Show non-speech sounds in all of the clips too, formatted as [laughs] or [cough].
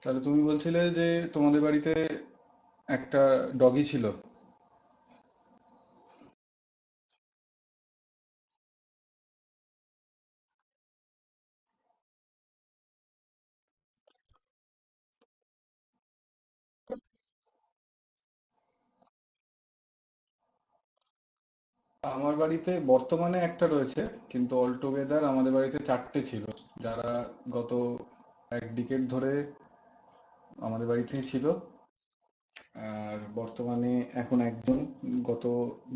তাহলে তুমি বলছিলে যে তোমাদের বাড়িতে একটা ডগি ছিল। আমার বাড়িতে বর্তমানে একটা রয়েছে, কিন্তু অল টুগেদার আমাদের বাড়িতে চারটে ছিল, যারা গত এক ডিকেট ধরে আমাদের বাড়িতেই ছিল। আর বর্তমানে এখন একজন, গত,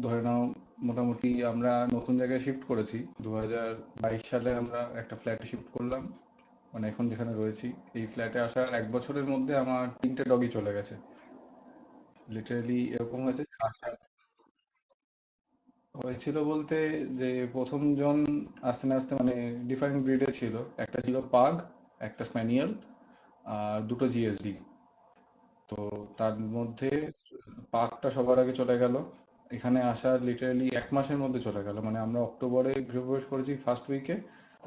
ধরে নাও মোটামুটি আমরা নতুন জায়গায় শিফট করেছি, 2022 সালে আমরা একটা ফ্ল্যাটে শিফট করলাম, মানে এখন যেখানে রয়েছি। এই ফ্ল্যাটে আসার এক বছরের মধ্যে আমার তিনটে ডগি চলে গেছে, লিটারেলি এরকম হয়েছে। আসা হয়েছিল বলতে যে প্রথম জন আস্তে না আস্তে, মানে ডিফারেন্ট ব্রিডে ছিল, একটা ছিল পাগ, একটা স্প্যানিয়েল, আর দুটো জিএসডি। তো তার মধ্যে পাগটা সবার আগে চলে গেল, এখানে আসার লিটারালি এক মাসের মধ্যে চলে গেল। মানে আমরা অক্টোবরে গৃহপ্রবেশ করেছি ফার্স্ট উইকে,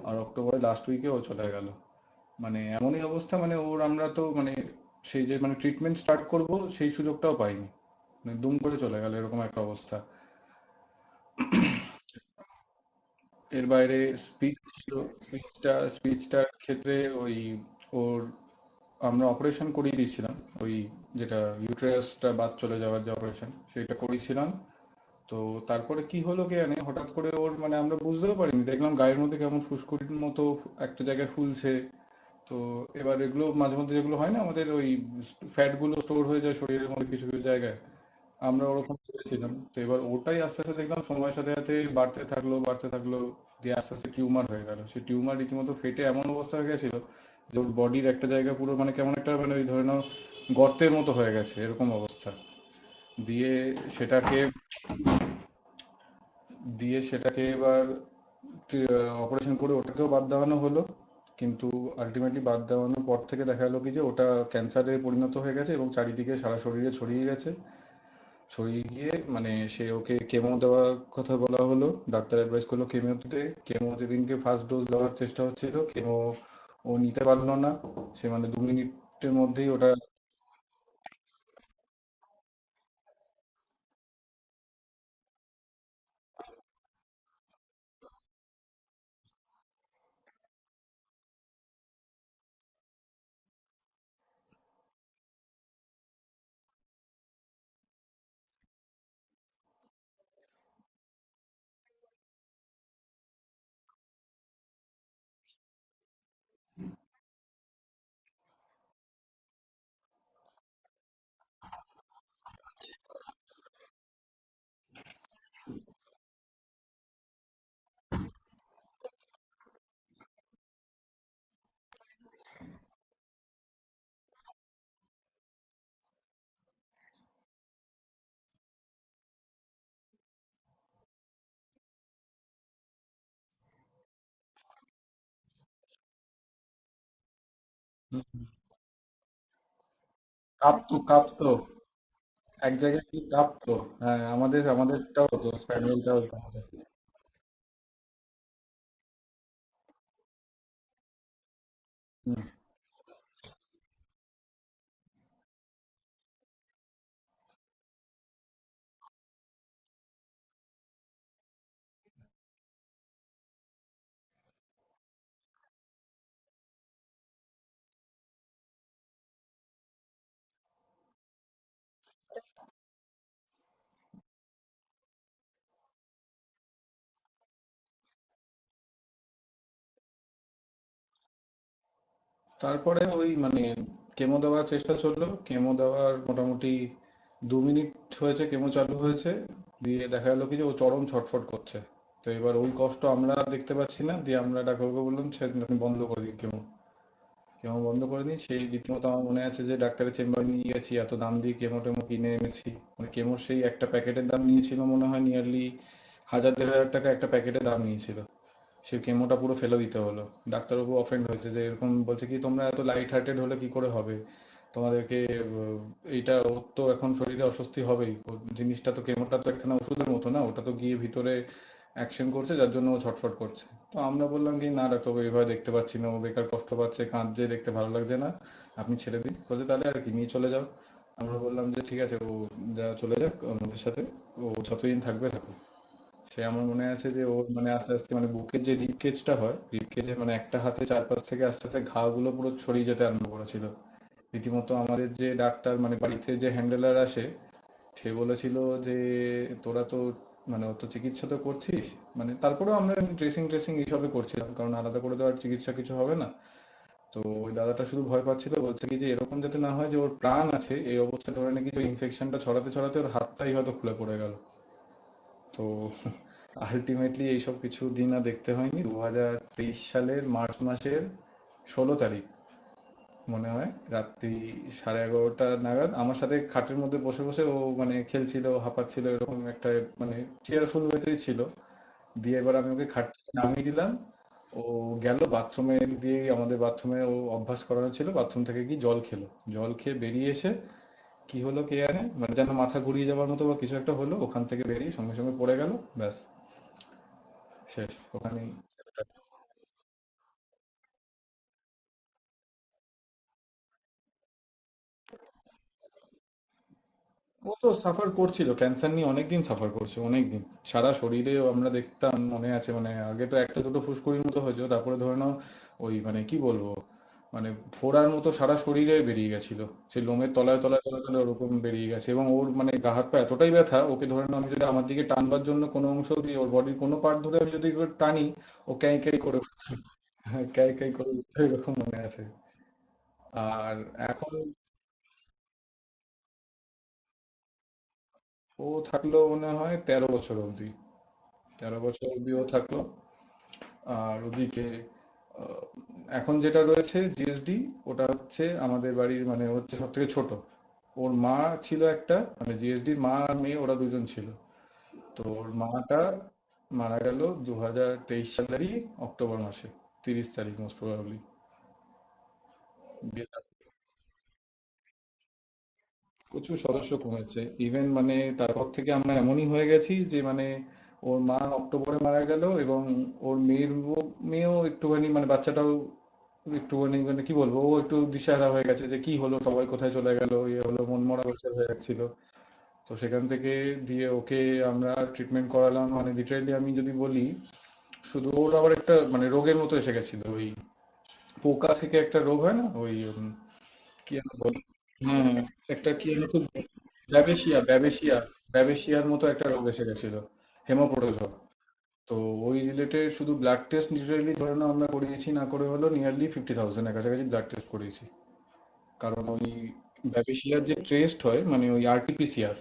আর অক্টোবরে লাস্ট উইকে ও চলে গেল। মানে এমনই অবস্থা, মানে ওর আমরা তো মানে সেই যে মানে ট্রিটমেন্ট স্টার্ট করব, সেই সুযোগটাও পাইনি। মানে দুম করে চলে গেল, এরকম একটা অবস্থা। এর বাইরে স্পিচ ছিল, স্পিচটার ক্ষেত্রে ওই ওর আমরা অপারেশন করিয়ে দিয়েছিলাম, ওই যেটা ইউটেরাসটা বাদ চলে যাওয়ার যে অপারেশন, সেটা করিয়েছিলাম। তো তারপরে কি হলো কে জানে, হঠাৎ করে ওর মানে আমরা বুঝতেও পারিনি, দেখলাম গায়ের মধ্যে কেমন ফুসকুড়ির মতো একটা জায়গায় ফুলছে। তো এবার এগুলো মাঝে মধ্যে যেগুলো হয় না, আমাদের ওই ফ্যাট গুলো স্টোর হয়ে যায় শরীরের মধ্যে কিছু কিছু জায়গায়, আমরা ওরকম ভেবেছিলাম। তো এবার ওটাই আস্তে আস্তে দেখলাম সময়ের সাথে সাথে বাড়তে থাকলো, বাড়তে থাকলো। দিয়ে আস্তে আস্তে টিউমার হয়ে গেল। সেই টিউমার রীতিমতো ফেটে এমন অবস্থা হয়ে গেছিল যে ওর বডির একটা জায়গা পুরো, মানে কেমন একটা মানে ওই ধরে নাও গর্তের মতো হয়ে গেছে, এরকম অবস্থা। দিয়ে সেটাকে দিয়ে সেটাকে এবার অপারেশন করে ওটাকেও বাদ দেওয়ানো হলো। কিন্তু আল্টিমেটলি বাদ দেওয়ানোর পর থেকে দেখা গেল কি যে ওটা ক্যান্সারে পরিণত হয়ে গেছে এবং চারিদিকে সারা শরীরে ছড়িয়ে গেছে। সরিয়ে গিয়ে মানে সে ওকে কেমো দেওয়ার কথা বলা হলো, ডাক্তার অ্যাডভাইস করলো কেমো দিতে। কেমো যেদিনকে ফার্স্ট ডোজ দেওয়ার চেষ্টা হচ্ছিল, কেমো ও নিতে পারলো না। সে মানে দু মিনিটের মধ্যেই ওটা, কাঁপতো কাঁপতো এক জায়গায় কি কাঁপতো, হ্যাঁ আমাদের আমাদেরটাও তো স্প্যানিয়েলটাও আমাদের। তারপরে ওই মানে কেমো দেওয়ার চেষ্টা চললো, কেমো দেওয়ার মোটামুটি 2 মিনিট হয়েছে কেমো চালু হয়েছে, দিয়ে দেখা গেলো কি যে ও চরম ছটফট করছে। তো এবার ওই কষ্ট আমরা দেখতে পাচ্ছি না, দিয়ে আমরা ডাক্তারবাবুকে বললাম সেদিন আপনি বন্ধ করে দিন কেমো, কেমো বন্ধ করে দিন। সেই রীতিমতো আমার মনে আছে যে ডাক্তারের চেম্বারে নিয়ে গেছি, এত দাম দিয়ে কেমো টেমো কিনে এনেছি। মানে কেমোর সেই একটা প্যাকেটের দাম নিয়েছিল মনে হয় নিয়ারলি 1000 দেড় হাজার টাকা, একটা প্যাকেটের দাম নিয়েছিল। সে কেমোটা পুরো ফেলে দিতে হলো। ডাক্তারবাবু অফেন্ড হয়েছে, যে এরকম বলছে কি তোমরা এত লাইট হার্টেড হলে কি করে হবে তোমাদেরকে। আহ, এইটা ওর তো এখন শরীরে অস্বস্তি হবেই, ওর জিনিসটা তো, কেমোটা তো একখানা ওষুধের মতো না, ওটা তো গিয়ে ভিতরে অ্যাকশন করছে, যার জন্য ও ছটফট করছে। তো আমরা বললাম কি না ডাক্তারবাবু, এভাবে দেখতে পাচ্ছি না, ও বেকার কষ্ট পাচ্ছে, কাঁদছে, দেখতে ভালো লাগছে না, আপনি ছেড়ে দিন। বলছে তাহলে আর কি, নিয়ে চলে যাও। আমরা বললাম যে ঠিক আছে, ও যা চলে যাক আমাদের সাথে, ও যতদিন থাকবে থাকুক। সে আমার মনে আছে যে ওর মানে আস্তে আস্তে মানে বুকের যে রিব কেজটা হয় রিব কেজে, মানে একটা হাতে চারপাশ থেকে আস্তে আস্তে ঘা গুলো পুরো ছড়িয়ে যেতে আরম্ভ করেছিল। রীতিমতো আমাদের যে ডাক্তার মানে বাড়িতে যে হ্যান্ডেলার আসে, সে বলেছিল যে তোরা তো মানে অত চিকিৎসা তো করছিস, মানে তারপরেও আমরা ড্রেসিং ট্রেসিং এইসবে করছিলাম, কারণ আলাদা করে তো আর চিকিৎসা কিছু হবে না। তো ওই দাদাটা শুধু ভয় পাচ্ছিল, বলছে কি যে এরকম যাতে না হয় যে ওর প্রাণ আছে এই অবস্থায় ধরে, নাকি যে ইনফেকশনটা ছড়াতে ছড়াতে ওর হাতটাই হয়তো খুলে পড়ে গেল। তো আলটিমেটলি এইসব কিছু দিন আর দেখতে হয়নি, 2023 সালের মার্চ মাসের 16 তারিখ মনে হয়, রাত্রি 11:30 নাগাদ আমার সাথে খাটের মধ্যে বসে বসে ও মানে খেলছিল, হাঁপাচ্ছিল, এরকম একটা মানে চেয়ারফুল ওয়েতেই ছিল। দিয়ে এবার আমি ওকে খাট থেকে নামিয়ে দিলাম, ও গেল বাথরুমে। দিয়ে আমাদের বাথরুমে ও অভ্যাস করানো ছিল, বাথরুম থেকে কি জল খেলো, জল খেয়ে বেরিয়ে এসে কি হলো কে জানে, মানে যেন মাথা ঘুরিয়ে যাওয়ার মতো বা কিছু একটা হলো, ওখান থেকে বেরিয়ে সঙ্গে সঙ্গে পড়ে গেল। ব্যাস, শেষ ওখানেই। ও তো সাফার করছিল, ক্যান্সার নিয়ে অনেকদিন সাফার করছে অনেকদিন। সারা শরীরে আমরা দেখতাম মনে আছে, মানে আগে তো একটা দুটো ফুসকুড়ির মতো হয়েছিল, তারপরে ধরে নাও ওই মানে কি বলবো, মানে ফোড়ার মতো সারা শরীরে বেরিয়ে গেছিল। সেই লোমের তলায় তলায় ওরকম বেরিয়ে গেছে, এবং ওর মানে গা হাত পা এতটাই ব্যথা, ওকে ধরে নাও আমি যদি আমার দিকে টানবার জন্য কোনো অংশ দিয়ে ওর বডির কোনো পার্ট ধরে আমি যদি ওকে টানি, ও ক্যাঁই ক্যাঁই করে [laughs] ক্যাঁই ক্যাঁই করে উঠতো, এরকম মনে আছে। আর এখন ও থাকলো মনে হয় 13 বছর অবধি, 13 বছর অবধি ও থাকলো। আর ওদিকে আহ, এখন যেটা রয়েছে জিএসডি, ওটা হচ্ছে আমাদের বাড়ির মানে হচ্ছে সব থেকে ছোট। ওর মা ছিল একটা, মানে জিএসডির মা আর মেয়ে, ওরা দুজন ছিল। তো ওর মাটা মারা গেল 2023 সালেরই অক্টোবর মাসে 30 তারিখ, মোস্ট প্রবাবলি। প্রচুর সদস্য কমেছে, ইভেন মানে তারপর থেকে আমরা এমনই হয়ে গেছি যে মানে, ওর মা অক্টোবরে মারা গেল, এবং ওর মেয়ের মেয়েও একটুখানি, মানে বাচ্চাটাও একটুখানি মানে কি বলবো, ও একটু দিশাহারা হয়ে গেছে যে কি হলো, সবাই কোথায় চলে গেল, ইয়ে হলো মনমরা ব্যাপার হয়ে যাচ্ছিল। তো সেখান থেকে দিয়ে ওকে আমরা ট্রিটমেন্ট করালাম, মানে লিটারেলি আমি যদি বলি। শুধু ওর আবার একটা মানে রোগের মতো এসে গেছিল, ওই পোকা থেকে একটা রোগ হয় না, ওই কি যেন বলে, হ্যাঁ একটা কি যেন খুব, ব্যাবেশিয়া ব্যাবেশিয়া, ব্যাবেশিয়ার মতো একটা রোগ এসে গেছিল। হেমোপ্রোটোজোয়া। তো ওই রিলেটেড শুধু ব্লাড টেস্ট লিটারেলি ধরে নাও আমরা করিয়েছি না করে হলো নিয়ারলি 50,000 এর কাছাকাছি ব্লাড টেস্ট করিয়েছি। কারণ ওই ব্যাবেশিয়ার যে টেস্ট হয় মানে ওই আরটিপিসিআর,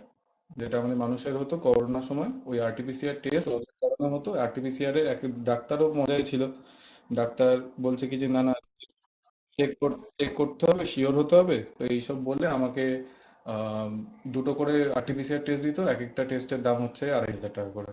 যেটা আমাদের মানুষের হতো করোনার সময় ওই আরটিপিসিআর টেস্ট, ওদের করানো হতো আরটিপিসিআর এর এক। ডাক্তারও মজাই ছিল, ডাক্তার বলছে কি যে না না চেক চেক করতে হবে, শিওর হতে হবে, তো এইসব বলে আমাকে আম, দুটো করে আরটিপিসিআর টেস্ট দিত, এক একটা টেস্টের দাম হচ্ছে 2,500 টাকা করে।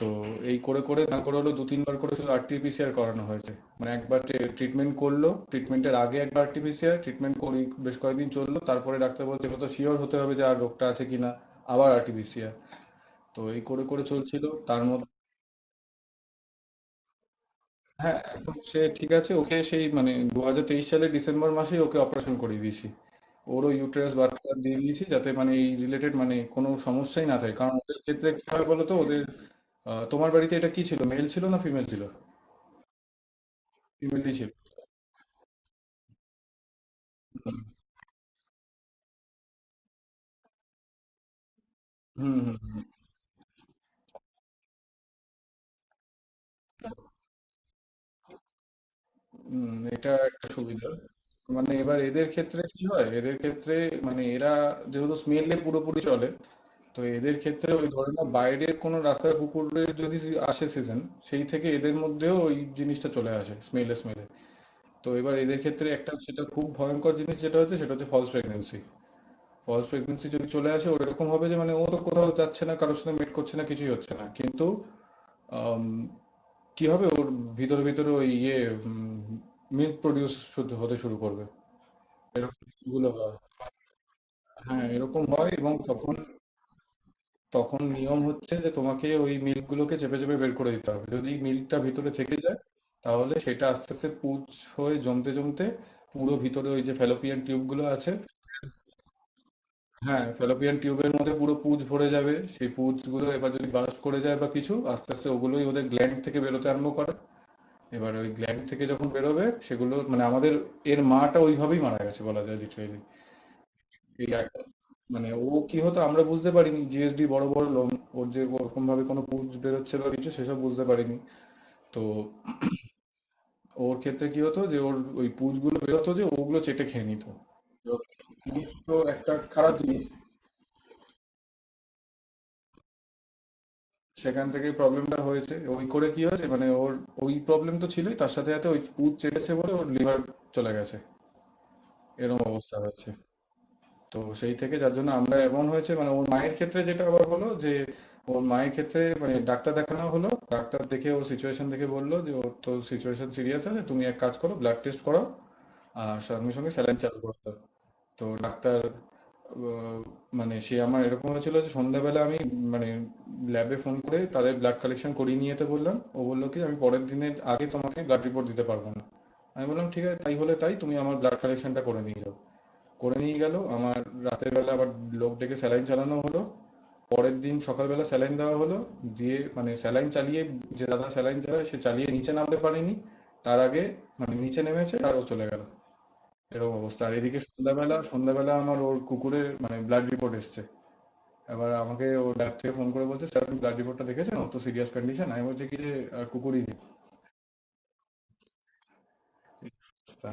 তো এই করে করে না করে হলো দু তিনবার করে শুধু আরটিপিসিআর করানো হয়েছে। মানে একবার ট্রিটমেন্ট করলো, ট্রিটমেন্টের আগে একবার আরটিপিসিআর, ট্রিটমেন্ট করি বেশ কয়েকদিন চললো, তারপরে ডাক্তার বলছে এবার তো শিওর হতে হবে যে আর রোগটা আছে কিনা, আবার আরটিপিসিআর, তো এই করে করে চলছিল। তার মধ্যে, হ্যাঁ এখন সে ঠিক আছে, ওকে সেই মানে 2023 সালের ডিসেম্বর মাসেই ওকে অপারেশন করিয়ে দিয়েছি, ওরও ইউটেরাস বাচ্চা দিয়ে দিয়েছি, যাতে মানে এই রিলেটেড মানে কোনো সমস্যাই না থাকে। কারণ ওদের ক্ষেত্রে কি হয় বলো তো ওদের, তোমার বাড়িতে এটা কি ছিল, মেল ছিল না ফিমেল ছিল? ফিমেলই ছিল। হুম হুম হুম হুম, এটা একটা সুবিধা। মানে এবার এদের ক্ষেত্রে কি হয়, এদের ক্ষেত্রে মানে এরা যেহেতু স্মেলে পুরোপুরি চলে, তো এদের ক্ষেত্রে ওই ধরে না, বাইরের কোনো রাস্তার কুকুরের যদি আসে সিজন, সেই থেকে এদের মধ্যেও ওই জিনিসটা চলে আসে স্মেলে স্মেলে। তো এবার এদের ক্ষেত্রে একটা, সেটা খুব ভয়ঙ্কর জিনিস, যেটা হচ্ছে সেটা হচ্ছে ফলস প্রেগন্যান্সি। ফলস প্রেগন্যান্সি যদি চলে আসে, ওরকম হবে যে মানে ও তো কোথাও যাচ্ছে না, কারোর সাথে মিট করছে না, কিছুই হচ্ছে না, কিন্তু আম, কি হবে ওর ভিতরে ভিতরে ওই ইয়ে মিল্ক প্রডিউস হতে শুরু করবে। এরকম গুলো হয়, হ্যাঁ এরকম হয়। এবং তখন তখন নিয়ম হচ্ছে যে তোমাকে ওই মিল্ক গুলোকে চেপে চেপে বের করে দিতে হবে। যদি মিল্কটা ভিতরে থেকে যায়, তাহলে সেটা আস্তে আস্তে পুঁজ হয়ে জমতে জমতে পুরো ভিতরে ওই যে ফ্যালোপিয়ান টিউব গুলো আছে, হ্যাঁ, ফ্যালোপিয়ান টিউবের মধ্যে পুরো পুঁজ ভরে যাবে। সেই পুঁজগুলো এবার যদি বার্স্ট করে যায় বা কিছু, আস্তে আস্তে ওগুলোই ওদের গ্ল্যান্ড থেকে বেরোতে আরম্ভ করে। এবার ওই গ্ল্যান্ড থেকে যখন বেরোবে সেগুলো, মানে আমাদের এর মাটা ওইভাবেই মারা গেছে বলা যায় লিটারেলি। এই এখন মানে ও কি হতো আমরা বুঝতে পারিনি। জিএসডি বড় বড় লোম, ওর যে ওরকম ভাবে কোনো পুঁজ বেরোচ্ছে বা কিছু সেসব বুঝতে পারিনি। তো ওর ক্ষেত্রে কি হতো যে ওর ওই পুঁজগুলো বেরোতো যে ওগুলো চেটে খেয়ে নিত। তো জিনিস তো একটা খারাপ জিনিস। সেখান থেকেই প্রবলেমটা হয়েছে, ওই করে কি হয়েছে মানে ওর ওই প্রবলেম তো ছিলই, তার সাথে সাথে ওই পুত চেপেছে বলে ওর লিভার চলে গেছে, এরকম অবস্থা হয়েছে। তো সেই থেকে যার জন্য আমরা, এমন হয়েছে মানে ওর মায়ের ক্ষেত্রে যেটা আবার হলো যে ওর মায়ের ক্ষেত্রে মানে ডাক্তার দেখানো হলো, ডাক্তার দেখে ওর সিচুয়েশন দেখে বললো যে ওর তো সিচুয়েশন সিরিয়াস আছে, তুমি এক কাজ করো, ব্লাড টেস্ট করো আর সঙ্গে সঙ্গে স্যালাইন চালু করো। তো ডাক্তার আহ, মানে সে আমার এরকম হয়েছিল যে সন্ধ্যাবেলা আমি মানে ল্যাবে ফোন করে তাদের ব্লাড কালেকশন করিয়ে নিয়ে যেতে বললাম, ও বললো কি আমি পরের দিনের আগে তোমাকে ব্লাড রিপোর্ট দিতে পারবো না। আমি বললাম ঠিক আছে তাই হলে তাই, তুমি আমার ব্লাড কালেকশনটা করে নিয়ে যাও। করে নিয়ে গেল আমার, রাতের বেলা আবার লোক ডেকে স্যালাইন চালানো হলো, পরের দিন সকালবেলা স্যালাইন দেওয়া হলো। দিয়ে মানে স্যালাইন চালিয়ে, যে দাদা স্যালাইন চালায় সে চালিয়ে নিচে নামতে পারেনি, তার আগে মানে নিচে নেমেছে আর ও চলে গেল, এরকম অবস্থা। আর এদিকে সন্ধ্যাবেলা সন্ধ্যাবেলা আমার ওর কুকুরের মানে ব্লাড রিপোর্ট এসছে। এবার আমাকে ও ল্যাব থেকে ফোন করে বলছে স্যার আপনি ব্লাড রিপোর্টটা দেখেছেন, অত সিরিয়াস কন্ডিশন। আমি বলছি কি যে আর কুকুরই নেই, এই অবস্থা।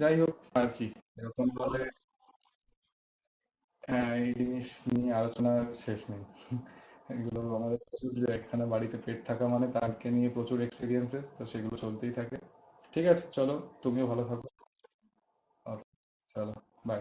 যাই হোক, আর কি, এরকম ভাবে। হ্যাঁ এই জিনিস নিয়ে আলোচনা শেষ নেই, এগুলো আমাদের প্রচুর, যে একখানা বাড়িতে পেট থাকা মানে তাকে নিয়ে প্রচুর এক্সপিরিয়েন্সেস, তো সেগুলো চলতেই থাকে। ঠিক আছে চলো, তুমিও ভালো থাকো। Okay, চলো, বাই।